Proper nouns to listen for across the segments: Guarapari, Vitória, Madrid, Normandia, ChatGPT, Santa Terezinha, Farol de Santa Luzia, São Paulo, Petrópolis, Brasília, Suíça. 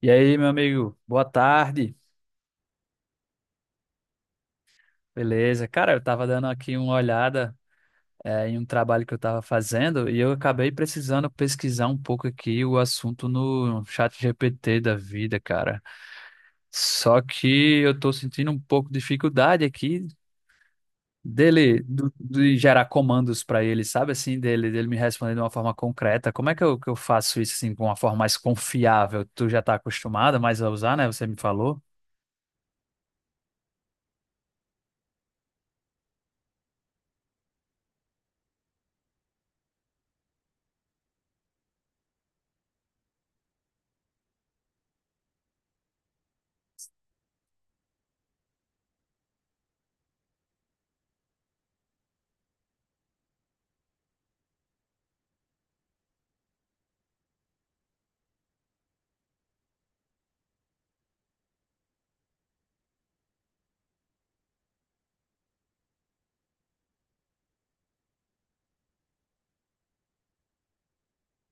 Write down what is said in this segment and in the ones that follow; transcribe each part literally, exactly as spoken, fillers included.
E aí, meu amigo, boa tarde. Beleza? Cara, eu tava dando aqui uma olhada, eh, em um trabalho que eu tava fazendo e eu acabei precisando pesquisar um pouco aqui o assunto no chat G P T da vida, cara. Só que eu tô sentindo um pouco de dificuldade aqui dele, do- de gerar comandos pra ele, sabe assim, dele, dele me responder de uma forma concreta. Como é que eu, que eu faço isso assim, de uma forma mais confiável? Tu já tá acostumado mais a usar, né? Você me falou?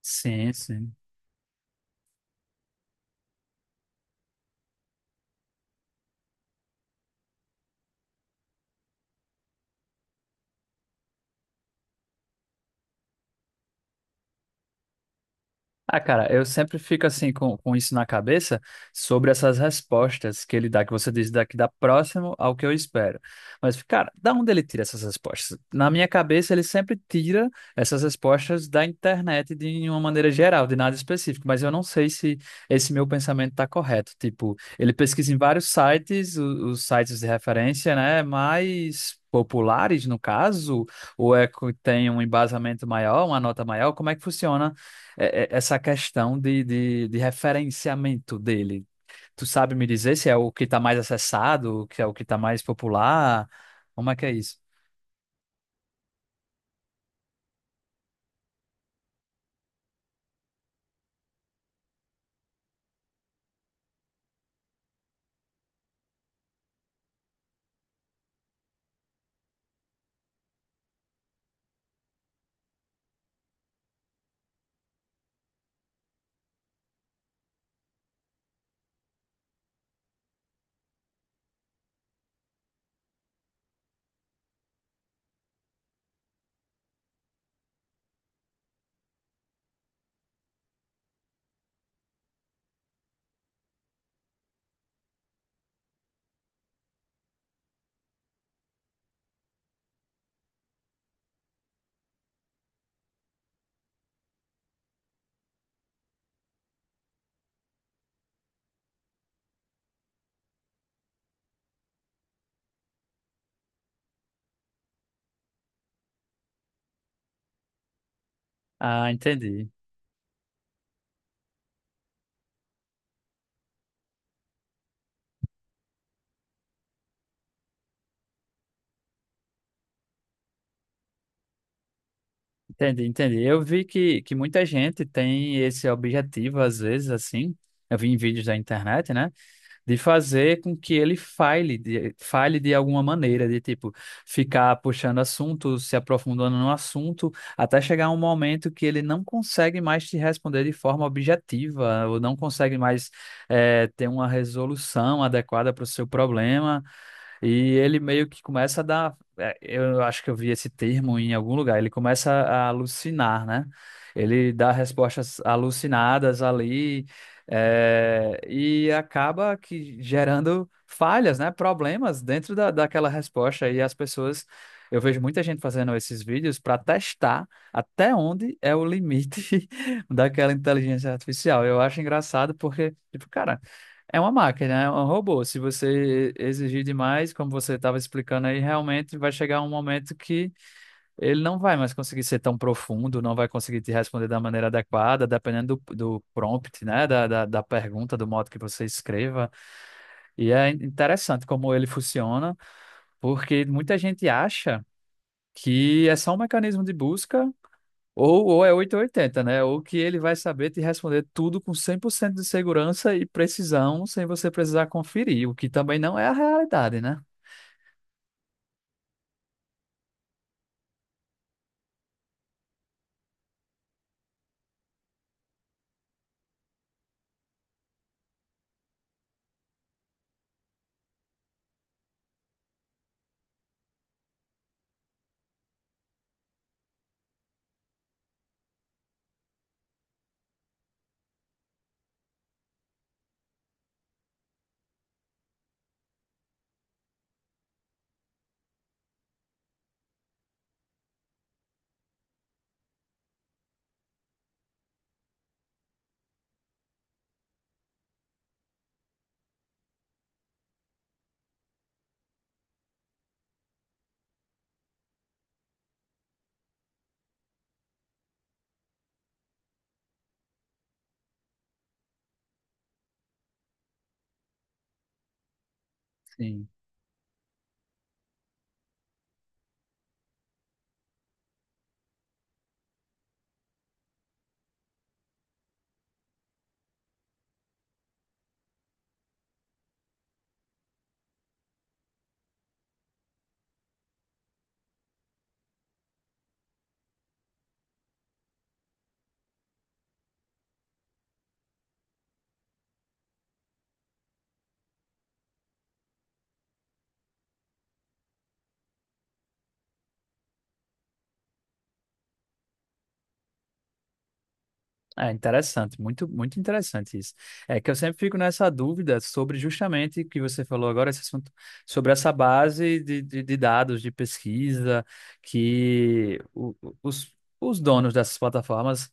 Sim, sim. Ah, cara, eu sempre fico assim com, com isso na cabeça sobre essas respostas que ele dá, que você diz daqui dá próximo ao que eu espero. Mas, cara, da onde ele tira essas respostas? Na minha cabeça, ele sempre tira essas respostas da internet de uma maneira geral, de nada específico. Mas eu não sei se esse meu pensamento está correto. Tipo, ele pesquisa em vários sites, o- os sites de referência, né? Mais populares, no caso, ou é que tem um embasamento maior, uma nota maior? Como é que funciona? É- é- essa questão de, de, de referenciamento dele. Tu sabe me dizer se é o que está mais acessado, que é o que está mais popular? Como é que é isso? Ah, entendi. Entendi, entendi. Eu vi que, que muita gente tem esse objetivo, às vezes, assim. Eu vi em vídeos da internet, né? De fazer com que ele falhe de, falhe de alguma maneira, de tipo, ficar puxando assunto, se aprofundando no assunto, até chegar um momento que ele não consegue mais te responder de forma objetiva, ou não consegue mais eh, ter uma resolução adequada para o seu problema. E ele meio que começa a dar. é, Eu acho que eu vi esse termo em algum lugar. Ele começa a alucinar, né? Ele dá respostas alucinadas ali, é, e acaba que gerando falhas, né? Problemas dentro da, daquela resposta. E as pessoas. Eu vejo muita gente fazendo esses vídeos para testar até onde é o limite daquela inteligência artificial. Eu acho engraçado porque, tipo, cara. É uma máquina, é um robô. Se você exigir demais, como você estava explicando aí, realmente vai chegar um momento que ele não vai mais conseguir ser tão profundo, não vai conseguir te responder da maneira adequada, dependendo do, do prompt, né? Da, da, da pergunta, do modo que você escreva. E é interessante como ele funciona, porque muita gente acha que é só um mecanismo de busca. Ou, ou é oito ou oitenta, né? Ou que ele vai saber te responder tudo com cem por cento de segurança e precisão, sem você precisar conferir, o que também não é a realidade, né? Sim. É interessante, muito, muito interessante isso. É que eu sempre fico nessa dúvida sobre justamente o que você falou agora, esse assunto, sobre essa base de, de, de dados de pesquisa que o- o- os, os donos dessas plataformas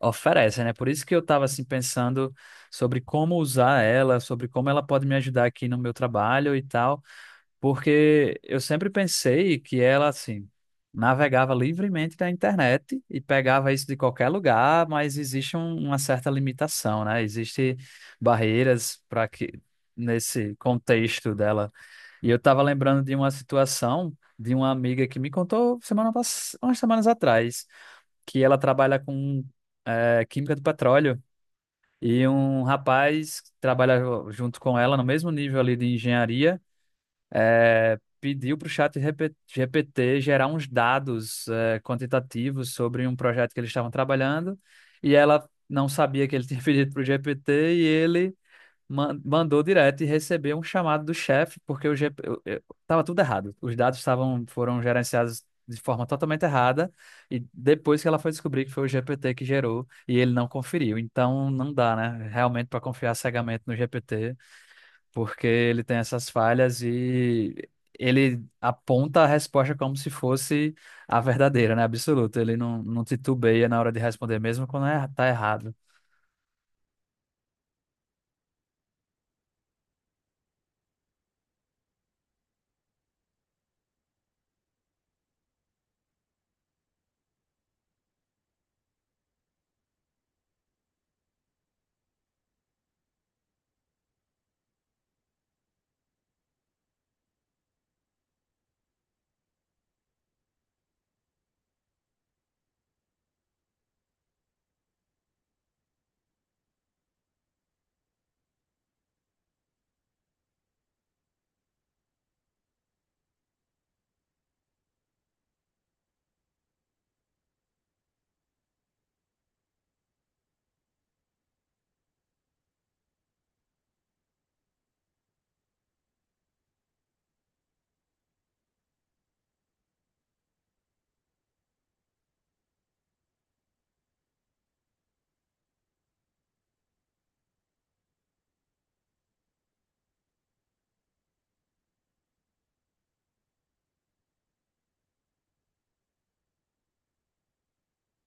oferecem, né? Por isso que eu estava assim pensando sobre como usar ela, sobre como ela pode me ajudar aqui no meu trabalho e tal. Porque eu sempre pensei que ela, assim, navegava livremente na internet e pegava isso de qualquer lugar, mas existe um- uma certa limitação, né? Existem barreiras para que nesse contexto dela. E eu estava lembrando de uma situação de uma amiga que me contou semana pass... umas semanas atrás, que ela trabalha com eh, química do petróleo e um rapaz trabalha junto com ela no mesmo nível ali de engenharia. É, pediu para o chat G P- G P T gerar uns dados eh, quantitativos sobre um projeto que eles estavam trabalhando e ela não sabia que ele tinha pedido para o G P T e ele man- mandou direto e recebeu um chamado do chefe porque o G P estava tudo errado. Os dados estavam foram gerenciados de forma totalmente errada e depois que ela foi descobrir que foi o G P T que gerou e ele não conferiu. Então não dá, né? Realmente para confiar cegamente no G P T porque ele tem essas falhas e ele aponta a resposta como se fosse a verdadeira, né? Absoluta. Ele não, não titubeia na hora de responder, mesmo quando é, tá errado.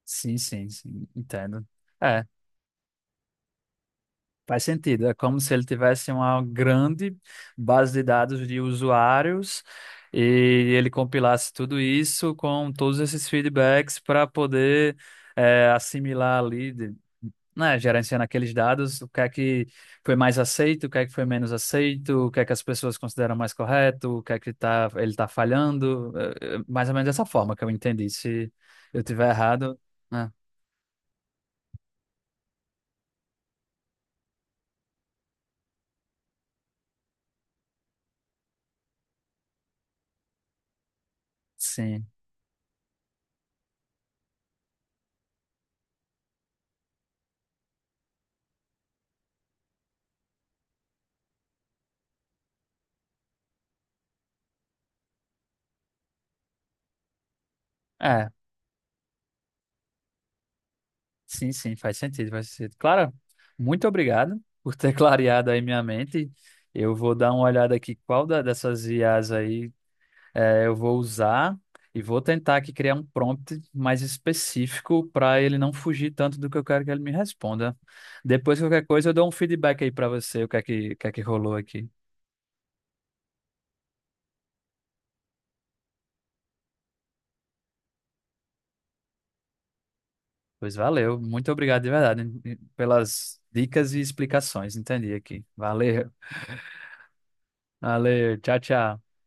Sim, sim, sim, entendo. É, faz sentido. É como se ele tivesse uma grande base de dados de usuários e ele compilasse tudo isso com todos esses feedbacks para poder. É, assimilar ali, né, gerenciando aqueles dados, o que é que foi mais aceito, o que é que foi menos aceito, o que é que as pessoas consideram mais correto, o que é que tá, ele está falhando, eh, eh, mais ou menos dessa forma que eu entendi. Se eu tiver errado, né, sim, é, sim, sim, faz sentido, faz sentido. Clara, muito obrigado por ter clareado aí minha mente. Eu vou dar uma olhada aqui qual da- dessas I As aí. É, eu vou usar e vou tentar aqui criar um prompt mais específico para ele não fugir tanto do que eu quero que ele me responda. Depois, qualquer coisa, eu dou um feedback aí para você, o que é que, o que é que rolou aqui. Pois valeu, muito obrigado de verdade hein, pelas dicas e explicações, entendi aqui. Valeu, valeu, tchau, tchau.